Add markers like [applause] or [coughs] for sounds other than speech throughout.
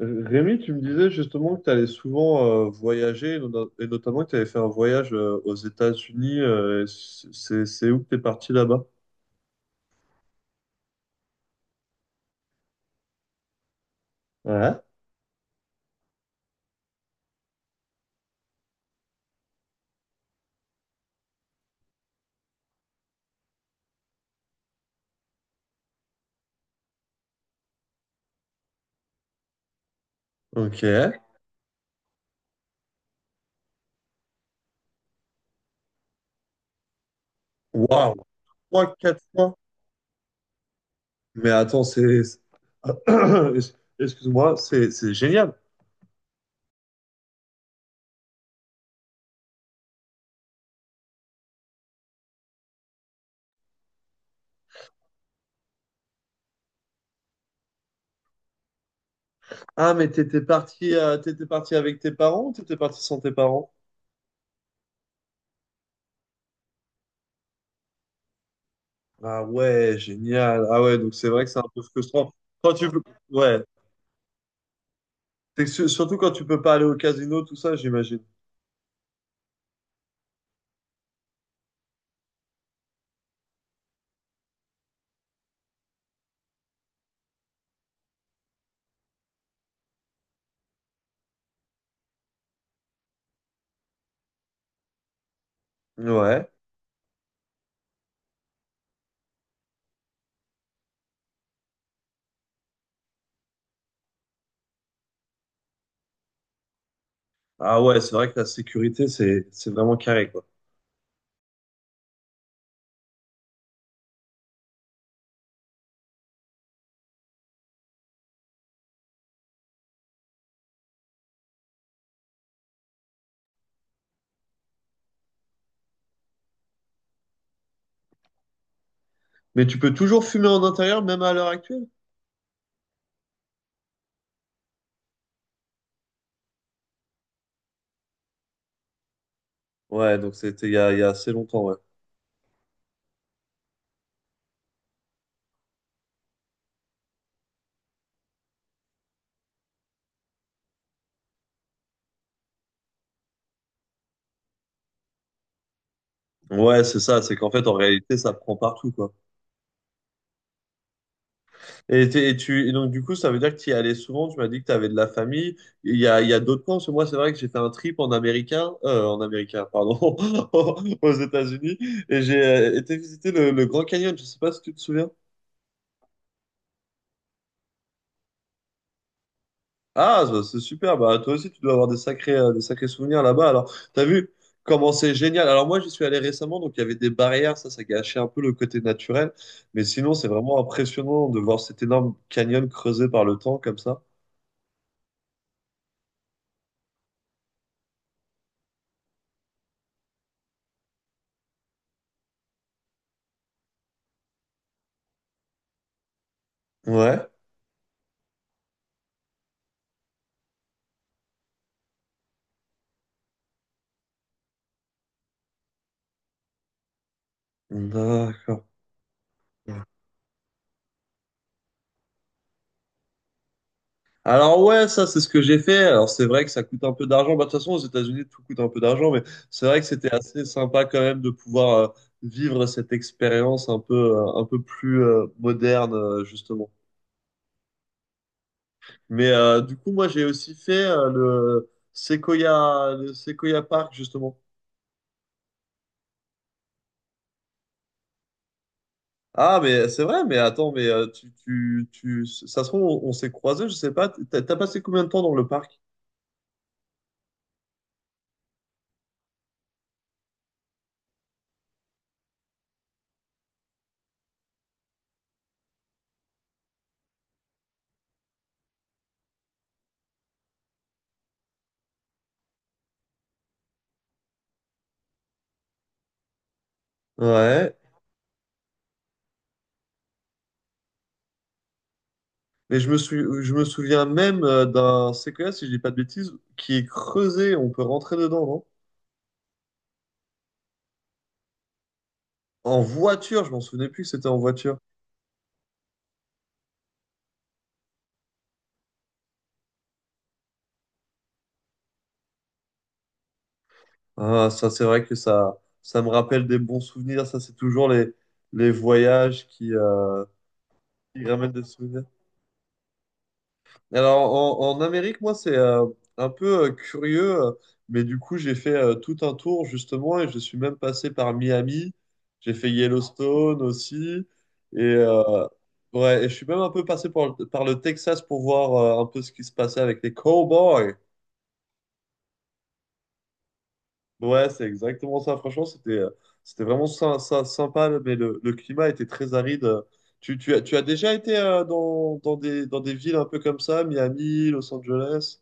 Rémi, tu me disais justement que tu allais souvent voyager, et notamment que tu avais fait un voyage aux États-Unis. C'est où que tu es parti là-bas? Ouais. Ok. Waouh, trois, quatre fois. Mais attends, c'est... [clears throat] [coughs] Excuse-moi, c'est génial. Ah, mais t'étais parti avec tes parents ou t'étais parti sans tes parents? Ah ouais, génial. Ah ouais, donc c'est vrai que c'est un peu frustrant. Quand tu peux... Ouais. Surtout quand tu peux pas aller au casino, tout ça, j'imagine. Ouais. Ah ouais, c'est vrai que la sécurité, c'est vraiment carré, quoi. Mais tu peux toujours fumer en intérieur, même à l'heure actuelle? Ouais, donc c'était il y a assez longtemps, ouais. Ouais, c'est ça, c'est qu'en fait, en réalité, ça prend partout, quoi. Et donc, du coup, ça veut dire que tu y allais souvent, tu m'as dit que tu avais de la famille. Il y a d'autres camps, parce que moi, c'est vrai que j'ai fait un trip en américain, pardon, [laughs] aux États-Unis, et j'ai été visiter le Grand Canyon, je sais pas si tu te souviens. Ah, ça, c'est super. Bah, toi aussi, tu dois avoir des sacrés souvenirs là-bas. Alors, t'as vu comment c'est génial. Alors, moi, j'y suis allé récemment, donc il y avait des barrières. Ça gâchait un peu le côté naturel. Mais sinon, c'est vraiment impressionnant de voir cet énorme canyon creusé par le temps comme ça. Ouais. D'accord. Alors ouais, ça c'est ce que j'ai fait. Alors c'est vrai que ça coûte un peu d'argent. Bah, de toute façon, aux États-Unis, tout coûte un peu d'argent, mais c'est vrai que c'était assez sympa quand même de pouvoir vivre cette expérience un peu plus moderne, justement. Mais du coup, moi, j'ai aussi fait le Sequoia Park, justement. Ah, mais c'est vrai, mais attends, mais tu, ça se trouve, on s'est croisés, je sais pas. T'as passé combien de temps dans le parc? Ouais. Mais je me souviens même d'un Sequoia, si je dis pas de bêtises, qui est creusé, on peut rentrer dedans, non? En voiture, je m'en souvenais plus que c'était en voiture. Ah, ça, c'est vrai que ça me rappelle des bons souvenirs. Ça, c'est toujours les voyages qui ramènent des souvenirs. Alors, en Amérique, moi, c'est un peu curieux, mais du coup, j'ai fait tout un tour, justement, et je suis même passé par Miami. J'ai fait Yellowstone aussi. Et, ouais, et je suis même un peu passé par, par le Texas pour voir un peu ce qui se passait avec les cowboys. Ouais, c'est exactement ça. Franchement, c'était c'était vraiment sympa, mais le climat était très aride. Tu as déjà été dans des villes un peu comme ça, Miami, Los Angeles?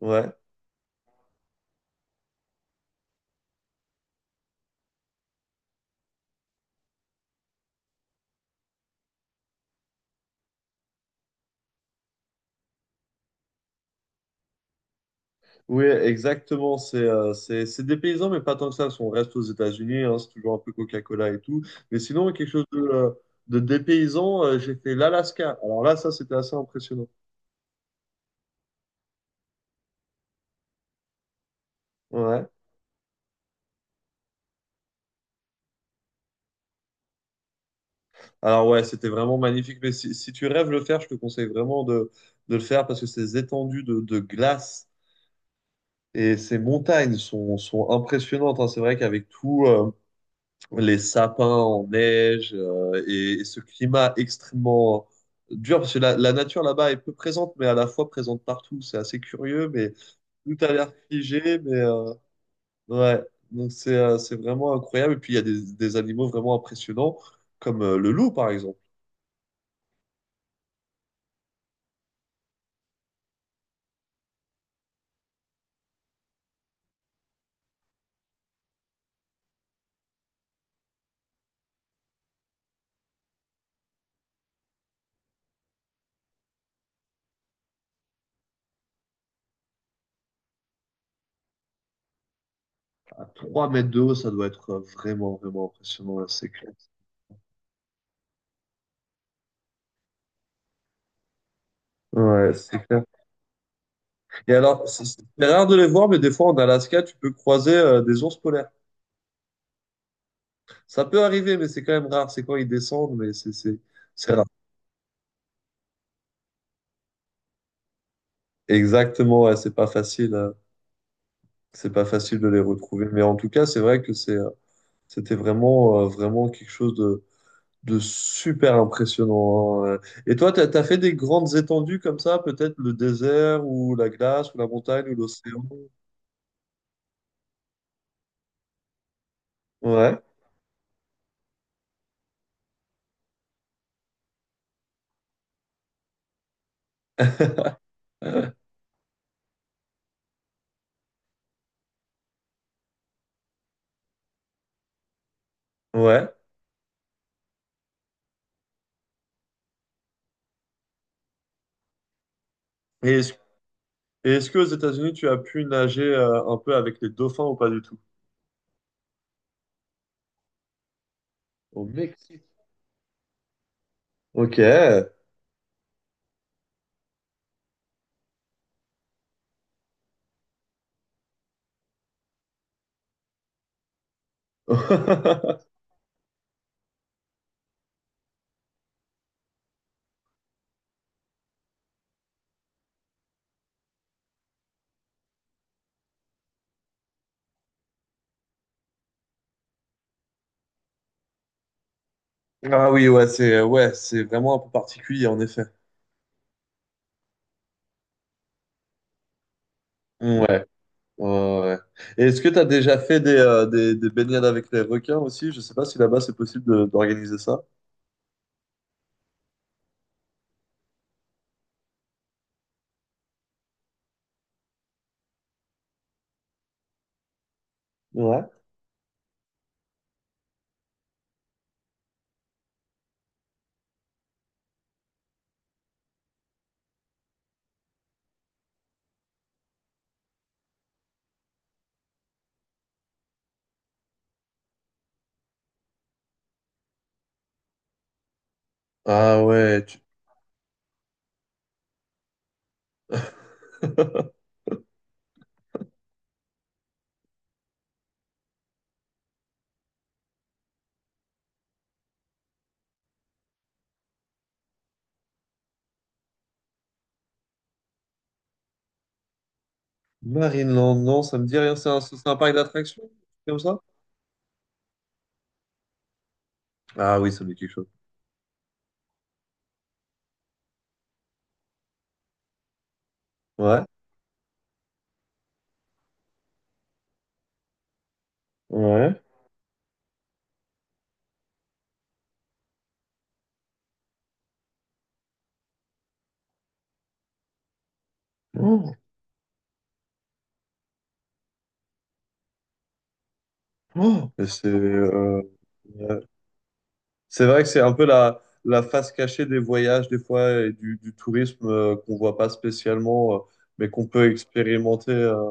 Ouais. Oui, exactement. C'est c'est des paysans, mais pas tant que ça. Si on reste aux États-Unis, hein, c'est toujours un peu Coca-Cola et tout. Mais sinon, ouais, quelque chose de dépaysant, j'ai fait l'Alaska. Alors là, ça, c'était assez impressionnant. Ouais. Alors ouais, c'était vraiment magnifique. Mais si tu rêves de le faire, je te conseille vraiment de le faire parce que ces étendues de glace et ces montagnes sont impressionnantes. Hein. C'est vrai qu'avec tout, les sapins en neige et ce climat extrêmement dur, parce que la nature là-bas est peu présente, mais à la fois présente partout. C'est assez curieux, mais tout a l'air figé, mais ouais, donc c'est vraiment incroyable. Et puis il y a des animaux vraiment impressionnants, comme le loup, par exemple. À trois mètres de haut, ça doit être vraiment, vraiment impressionnant, là, c'est clair. Ouais, c'est clair. Et alors, c'est rare de les voir, mais des fois en Alaska, tu peux croiser des ours polaires. Ça peut arriver, mais c'est quand même rare. C'est quand ils descendent, mais c'est rare. Exactement, ouais, c'est pas facile. C'est pas facile de les retrouver. Mais en tout cas, c'est vrai que c'est, c'était vraiment, vraiment quelque chose de super impressionnant. Hein. Ouais. Et toi, t'as fait des grandes étendues comme ça, peut-être le désert ou la glace ou la montagne ou l'océan. Ouais, [laughs] ouais. Et est-ce, et est-ce qu'aux États-Unis, tu as pu nager un peu avec les dauphins ou pas du tout? Au Mexique. Ok. [laughs] Ah oui, ouais, c'est vraiment un peu particulier, en effet. Ouais, ouais, ouais. Et est-ce que tu as déjà fait des, des baignades avec les requins aussi? Je sais pas si là-bas c'est possible d'organiser ça. Ouais. Ah ouais. [laughs] Marineland, non, ça me dit rien. C'est un parc d'attractions, comme ça? Ah oui, ça me dit quelque chose. Ouais. Ouais. Oh, oh, et c'est... ouais. C'est vrai que c'est un peu la face cachée des voyages, des fois, et du tourisme qu'on voit pas spécialement, mais qu'on peut expérimenter.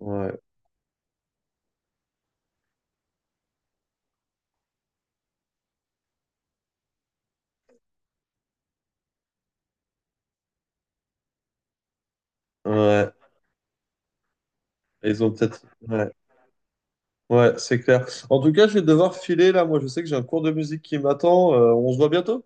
Ouais, ouais. Ils ont peut-être. Ouais, ouais, c'est clair. En tout cas, je vais devoir filer là. Moi, je sais que j'ai un cours de musique qui m'attend. On se voit bientôt?